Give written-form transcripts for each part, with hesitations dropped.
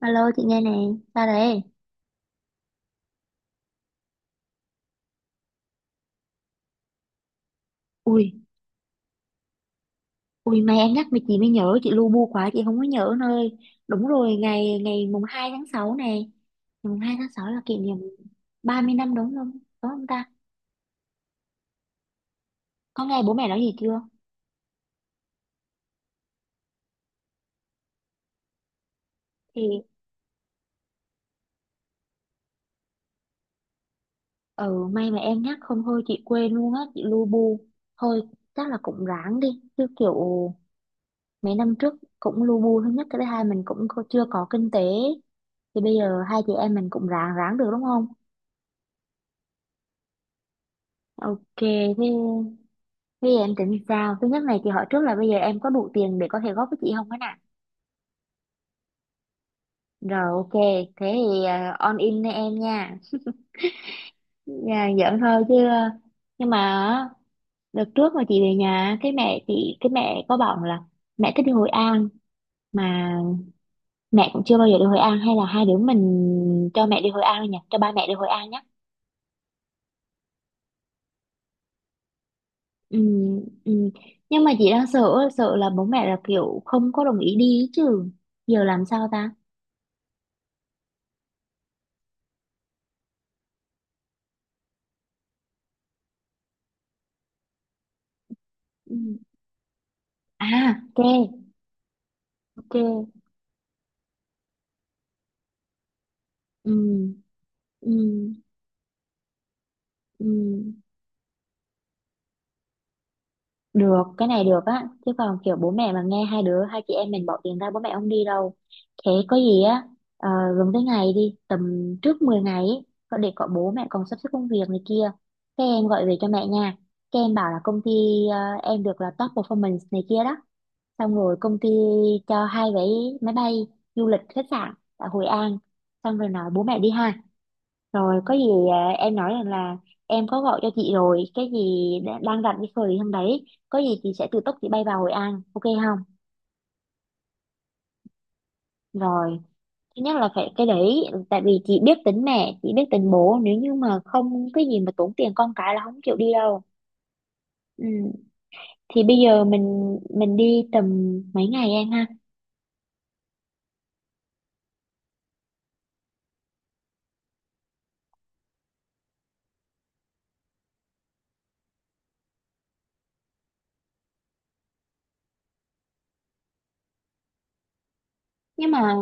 Alo chị nghe nè, sao đấy? Ui, ui may em nhắc mà chị mới nhớ, chị lu bu quá chị không có nhớ nơi. Đúng rồi, ngày ngày mùng 2 tháng 6 này. Ngày mùng hai tháng 6 là kỷ niệm 30 năm đúng không? Đúng không ta? Có nghe bố mẹ nói gì chưa? Thì ừ may mà em nhắc không thôi chị quên luôn á, chị lu bu. Thôi chắc là cũng ráng đi, chứ kiểu mấy năm trước cũng lu bu thứ nhất cái thứ hai mình cũng chưa có kinh tế. Thì bây giờ hai chị em mình cũng ráng ráng được đúng không? Ok, thế bây giờ em tính sao? Thứ nhất này thì hỏi trước là bây giờ em có đủ tiền để có thể góp với chị không á nè. Rồi ok, thế thì on in với em nha. À, giỡn thôi chứ. Nhưng mà á, đợt trước mà chị về nhà, cái mẹ chị, cái mẹ có bảo là mẹ thích đi Hội An mà mẹ cũng chưa bao giờ đi Hội An hay là hai đứa mình cho mẹ đi Hội An nhỉ, cho ba mẹ đi Hội An nhé. Ừ, ừ. Nhưng mà chị đang sợ sợ là bố mẹ là kiểu không có đồng ý đi ý chứ. Giờ làm sao ta? Ừ. À, ok, ok. Ừ, ừ, ừ. Được, cái này được á. Chứ còn kiểu bố mẹ mà nghe hai đứa, hai chị em mình bỏ tiền ra bố mẹ không đi đâu. Thế có gì á, ờ, gần tới ngày đi, tầm trước 10 ngày ấy, có để có bố mẹ còn sắp xếp công việc này kia. Thế em gọi về cho mẹ nha. Cái em bảo là công ty ờ, em được là top performance này kia đó. Xong rồi công ty cho hai vé máy bay du lịch khách sạn tại Hội An. Xong rồi nói bố mẹ đi ha. Rồi có gì em nói rằng là em có gọi cho chị rồi, cái gì đang rảnh cái thời hôm đấy, có gì chị sẽ tự túc chị bay vào Hội An, ok không? Rồi, thứ nhất là phải cái đấy, tại vì chị biết tính mẹ, chị biết tính bố, nếu như mà không cái gì mà tốn tiền con cái là không chịu đi đâu. Ừ. Thì bây giờ mình đi tầm mấy ngày em ha? Nhưng mà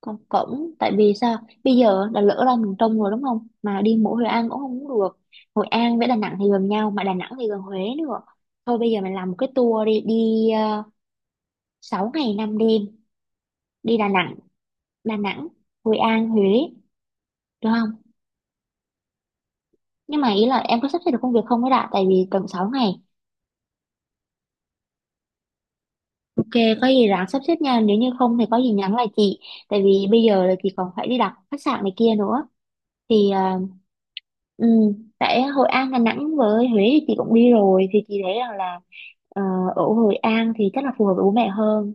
con cổng tại vì sao bây giờ đã lỡ ra miền Trung rồi đúng không mà đi mỗi Hội An cũng không được. Hội An với Đà Nẵng thì gần nhau mà Đà Nẵng thì gần Huế nữa, thôi bây giờ mình làm một cái tour đi đi, uh, 6 ngày 5 đêm đi Đà Nẵng, Đà Nẵng Hội An Huế được không? Nhưng mà ý là em có sắp xếp được công việc không ấy đã tại vì cần 6 ngày. Ok, có gì ráng sắp xếp nha, nếu như không thì có gì nhắn lại chị, tại vì bây giờ là chị còn phải đi đặt khách sạn này kia nữa. thì ờ, Ừ, tại Hội An Đà Nẵng với Huế thì chị cũng đi rồi thì chị thấy rằng là ờ, ở Hội An thì chắc là phù hợp với bố mẹ hơn.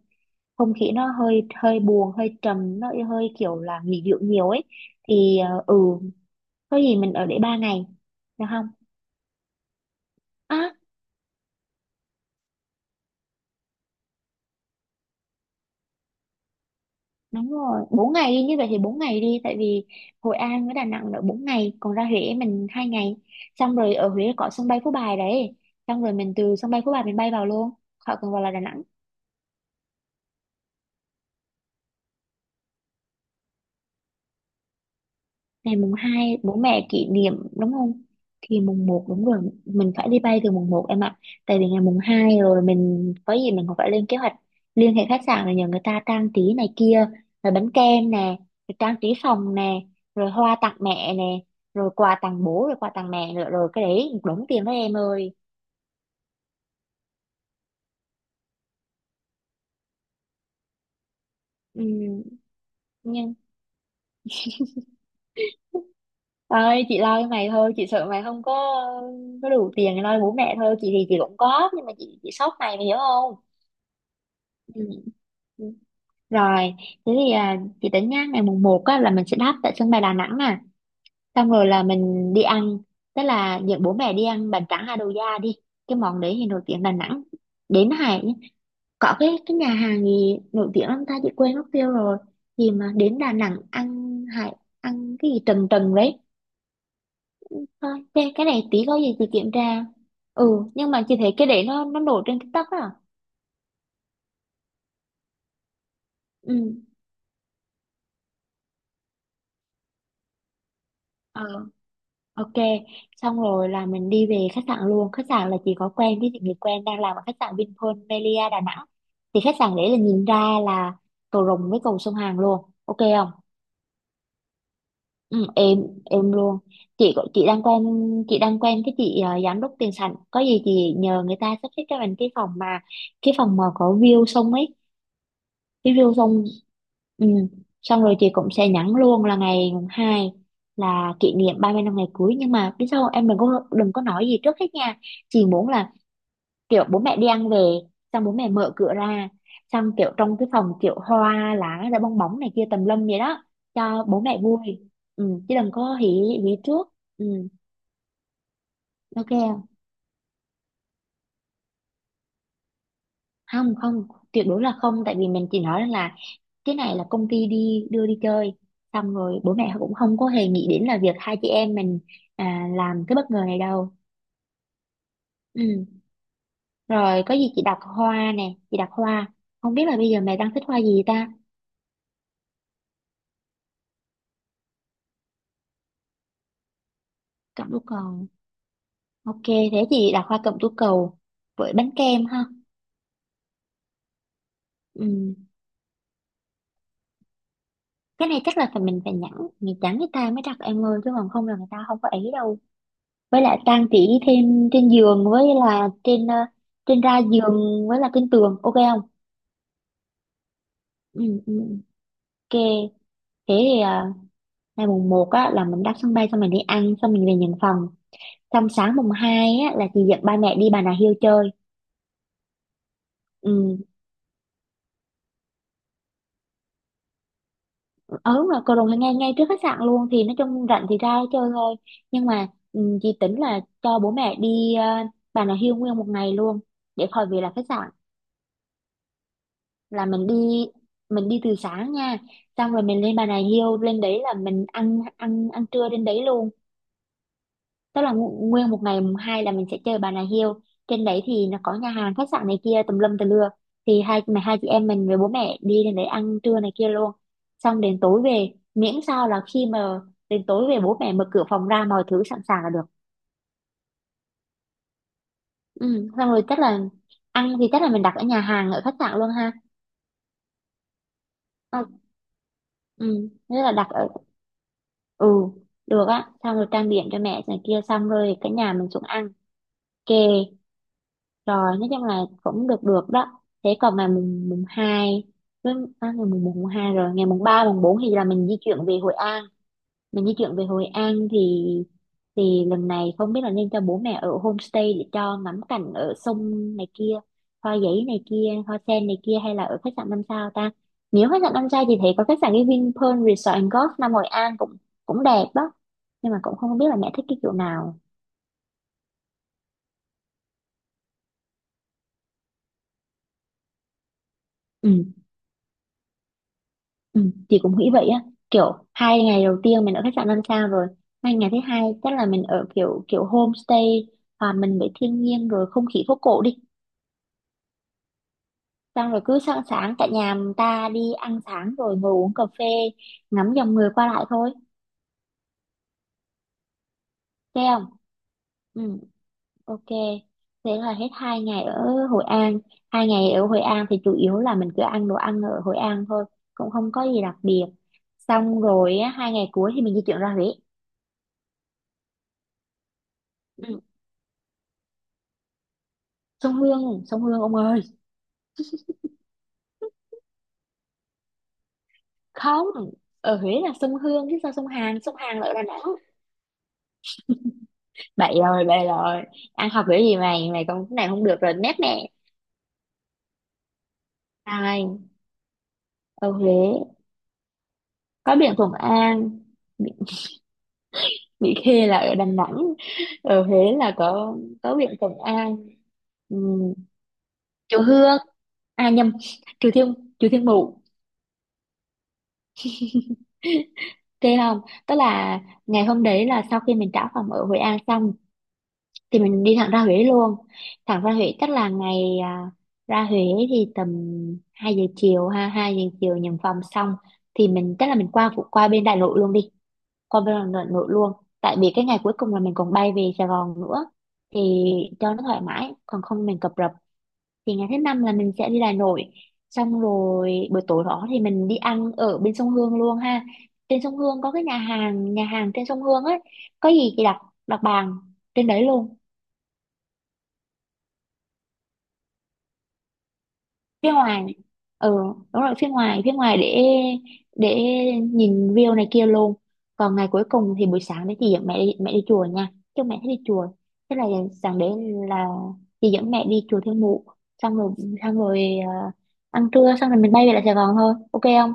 Không khí nó hơi hơi buồn hơi trầm nó hơi kiểu là nghỉ dưỡng nhiều ấy. Ừ, có gì mình ở để 3 ngày được không? À đúng rồi, 4 ngày đi như vậy thì 4 ngày đi tại vì Hội An với Đà Nẵng là 4 ngày còn ra Huế mình 2 ngày. Xong rồi ở Huế có sân bay Phú Bài đấy, xong rồi mình từ sân bay Phú Bài mình bay vào luôn khỏi cần vào là Đà Nẵng. Ngày mùng 2 bố mẹ kỷ niệm đúng không, thì mùng một đúng rồi, mình phải đi bay từ mùng một em ạ. Tại vì ngày mùng 2 rồi mình có gì mình còn phải lên kế hoạch liên hệ khách sạn rồi nhờ người ta trang trí này kia, rồi bánh kem nè, rồi trang trí phòng nè, rồi hoa tặng mẹ nè, rồi quà tặng bố rồi quà tặng mẹ nữa rồi cái đấy một đống tiền đó em ơi. Ừ, nhưng ơi chị lo cho mày thôi, chị sợ mày không có có đủ tiền để lo bố mẹ thôi, chị thì chị cũng có nhưng mà chị sốc mày, mày hiểu không? Ừ. Rồi, thế thì chị tính nhá, ngày mùng một á, là mình sẽ đáp tại sân bay Đà Nẵng nè. Xong rồi là mình đi ăn, tức là dẫn bố mẹ đi ăn bánh tráng Hà Đồ Gia đi. Cái món đấy thì nổi tiếng Đà Nẵng. Đến Hải, có cái nhà hàng gì nổi tiếng lắm ta, chị quên mất tiêu rồi. Gì mà đến Đà Nẵng ăn Hải, ăn cái gì trần trần đấy. Thôi, cái này tí có gì chị kiểm tra. Ừ, nhưng mà chị thấy cái đấy nó nổi trên TikTok á. Ừ. Ờ. Ok, xong rồi là mình đi về khách sạn luôn. Khách sạn là chị có quen với chị người quen đang làm ở khách sạn Vinpearl Melia Đà Nẵng. Thì khách sạn đấy là nhìn ra là cầu Rồng với cầu sông Hàn luôn. Ok không? Ừ, em luôn. Chị có- chị đang quen cái chị giám đốc tiền sảnh. Có gì chị nhờ người ta sắp xếp cho mình cái phòng mà có view sông ấy, review xong. Ừ. Xong rồi chị cũng sẽ nhắn luôn là ngày mùng hai là kỷ niệm 30 năm ngày cưới, nhưng mà biết sao không? Em đừng có nói gì trước hết nha. Chị muốn là kiểu bố mẹ đi ăn về xong bố mẹ mở cửa ra xong kiểu trong cái phòng kiểu hoa lá rồi bong bóng này kia tùm lum vậy đó, cho bố mẹ vui. Ừ. Chứ đừng có hỉ hỉ trước. Ừ. Ok. Không, không, không, tuyệt đối là không, tại vì mình chỉ nói là cái này là công ty đi đưa đi chơi, xong rồi bố mẹ cũng không có hề nghĩ đến là việc hai chị em mình làm cái bất ngờ này đâu. Ừ. Rồi có gì chị đặt hoa nè, chị đặt hoa, không biết là bây giờ mẹ đang thích hoa gì ta. Cẩm tú cầu. Ok thế chị đặt hoa cẩm tú cầu với bánh kem ha. Ừ. Cái này chắc là phải mình phải nhắn, mình nhắn người ta mới đặt em ơi chứ còn không là người ta không có ý đâu. Với lại trang trí thêm trên giường với là trên ra giường với là trên tường, ok không? Ừ, ừ, ok. Thế thì ngày mùng một á, là mình đáp sân bay xong mình đi ăn xong mình về nhận phòng. Xong sáng mùng 2 á, là chị dẫn ba mẹ đi Bà Nà Hills chơi. Ừ, ờ, đúng rồi, cầu Rồng là ngay ngay trước khách sạn luôn thì nói chung rảnh thì ra chơi thôi. Nhưng mà ừ, chị tính là cho bố mẹ đi Bà Nà Hills nguyên một ngày luôn để khỏi về là khách sạn. Là mình đi, mình đi từ sáng nha. Xong rồi mình lên Bà Nà Hills, lên đấy là mình ăn ăn ăn trưa trên đấy luôn, tức là nguyên một ngày mùng hai là mình sẽ chơi Bà Nà Hills. Trên đấy thì nó có nhà hàng khách sạn này kia tùm lum tùm lưa, thì hai chị em mình với bố mẹ đi lên đấy ăn trưa này kia luôn, xong đến tối về miễn sao là khi mà đến tối về bố mẹ mở cửa phòng ra mọi thứ sẵn sàng là được. Ừ xong rồi chắc là ăn thì chắc là mình đặt ở nhà hàng ở khách sạn luôn ha. Ờ, ừ nghĩa là đặt ở. Ừ được á, xong rồi trang điểm cho mẹ này kia xong rồi cả nhà mình xuống ăn kề, rồi nói chung là cũng được được đó. Thế còn ngày mùng mùng hai với à, ngày mùng mùng hai rồi ngày mùng ba mùng bốn thì là mình di chuyển về Hội An. Mình di chuyển về Hội An thì thì lần này không biết là nên cho bố mẹ ở homestay để cho ngắm cảnh ở sông này kia, hoa giấy này kia hoa sen này kia, hay là ở khách sạn năm sao ta. Nếu khách sạn năm sao thì thấy có khách sạn cái Vinpearl Resort and Golf Nam Hội An cũng cũng đẹp đó, nhưng mà cũng không biết là mẹ thích cái kiểu nào. Ừ. Ừ, chị cũng nghĩ vậy á, kiểu 2 ngày đầu tiên mình ở khách sạn 5 sao rồi, 2 ngày thứ hai chắc là mình ở kiểu kiểu homestay. À, mình với thiên nhiên rồi không khí phố cổ đi, xong rồi cứ sáng sáng cả nhà người ta đi ăn sáng rồi ngồi uống cà phê, ngắm dòng người qua lại thôi. Thấy không? Ừ, ok. Thế là hết 2 ngày ở Hội An. 2 ngày ở Hội An thì chủ yếu là mình cứ ăn đồ ăn ở Hội An thôi, cũng không có gì đặc biệt. Xong rồi á, 2 ngày cuối thì mình di chuyển ra Huế. Ừ. Sông Hương, sông Hương ông ơi! Không, ở Huế là sông Hương chứ sao, sông Hàn, sông Hàn là ở Đà Nẵng. Bậy rồi, bậy rồi. Ăn học kiểu gì mày, mày còn cái này không được rồi, nét nè. Ai? Ở Huế có biển Thuận An. bị, bị khê là ở Đà Nẵng, ở Huế là có biển Thuận An. Ừm, Chùa Hương, à nhầm, chùa Thiên Mụ. Thế không? Tức là ngày hôm đấy là sau khi mình trả phòng ở Hội An xong thì mình đi thẳng ra Huế luôn, thẳng ra Huế chắc là ngày ra Huế thì tầm 2 giờ chiều, ha, 2 giờ chiều nhận phòng xong thì mình chắc là mình qua bên Đại Nội luôn đi, qua bên Đại Nội luôn. Tại vì cái ngày cuối cùng là mình còn bay về Sài Gòn nữa, thì cho nó thoải mái còn không mình cập rập. Thì ngày thứ năm là mình sẽ đi Đại Nội, xong rồi buổi tối đó thì mình đi ăn ở bên sông Hương luôn ha. Trên sông Hương có cái nhà hàng trên sông Hương ấy, có gì thì đặt đặt bàn trên đấy luôn. Phía ngoài. Ừ, đúng rồi, phía ngoài để nhìn view này kia luôn. Còn ngày cuối cùng thì buổi sáng đấy chị dẫn mẹ đi chùa nha, chứ mẹ thích đi chùa. Thế là sáng đấy là chị dẫn mẹ đi chùa Thiên Mụ, xong rồi xong rồi, ờ, ăn trưa xong rồi mình bay về lại Sài Gòn thôi, ok không?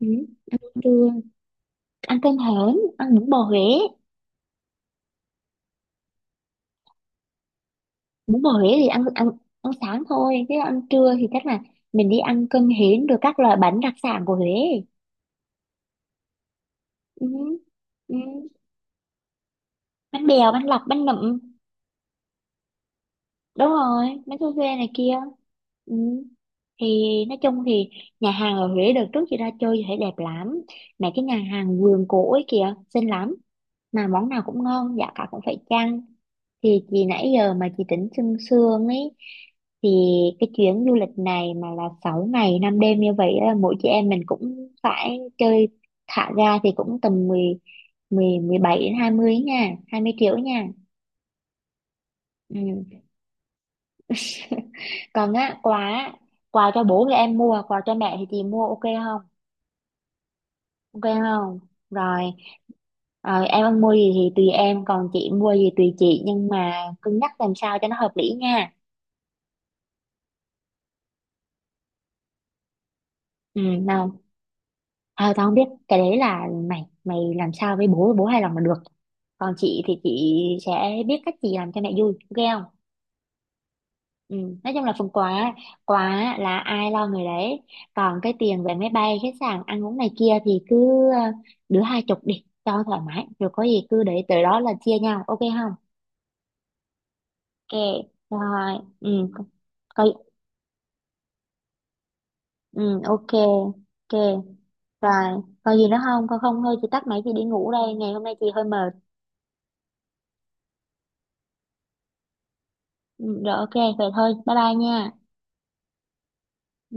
Ừ. Trưa ăn cơm hến, ăn bún bò Huế. Bún bò Huế thì ăn ăn ăn sáng thôi, chứ ăn trưa thì chắc là mình đi ăn cơm hến rồi các loại bánh đặc sản của Huế. Ừ. Ừ. Bánh bèo, bánh lọc, bánh nậm. Đúng rồi, bánh su phê này kia. Ừ. Thì nói chung thì nhà hàng ở Huế đợt trước chị ra chơi chị thấy đẹp lắm, mấy cái nhà hàng vườn cổ ấy kìa xinh lắm, mà món nào cũng ngon, giá cả cũng phải chăng. Thì chị nãy giờ mà chị tính sương sương ấy, thì cái chuyến du lịch này mà là 6 ngày 5 đêm, như vậy là mỗi chị em mình cũng phải chơi thả ga thì cũng tầm mười mười 17 đến 20 nha, 20 triệu nha. Ừ. Còn á, quà á, quà cho bố thì em mua, quà cho mẹ thì chị mua, ok không? Ok không? Rồi, ờ, em muốn mua gì thì tùy em, còn chị mua gì tùy chị, nhưng mà cân nhắc làm sao cho nó hợp lý nha. Ừ nào. À, tao không biết, cái đấy là mày, mày làm sao với bố, bố hài lòng là được, còn chị thì chị sẽ biết cách chị làm cho mẹ vui, ok không? Ừ, nói chung là phần quà, quà là ai lo người đấy, còn cái tiền về máy bay khách sạn ăn uống này kia thì cứ ờ, đứa hai chục đi cho thoải mái, rồi có gì cứ để tới đó là chia nhau, ok không? Ok. Rồi, ừ. Coi. Ừ, ok. Ok. Rồi, còn gì nữa không con, không thôi chị tắt máy chị đi ngủ đây, ngày hôm nay chị hơi mệt. Ừ, rồi, ok vậy thôi, bye bye nha.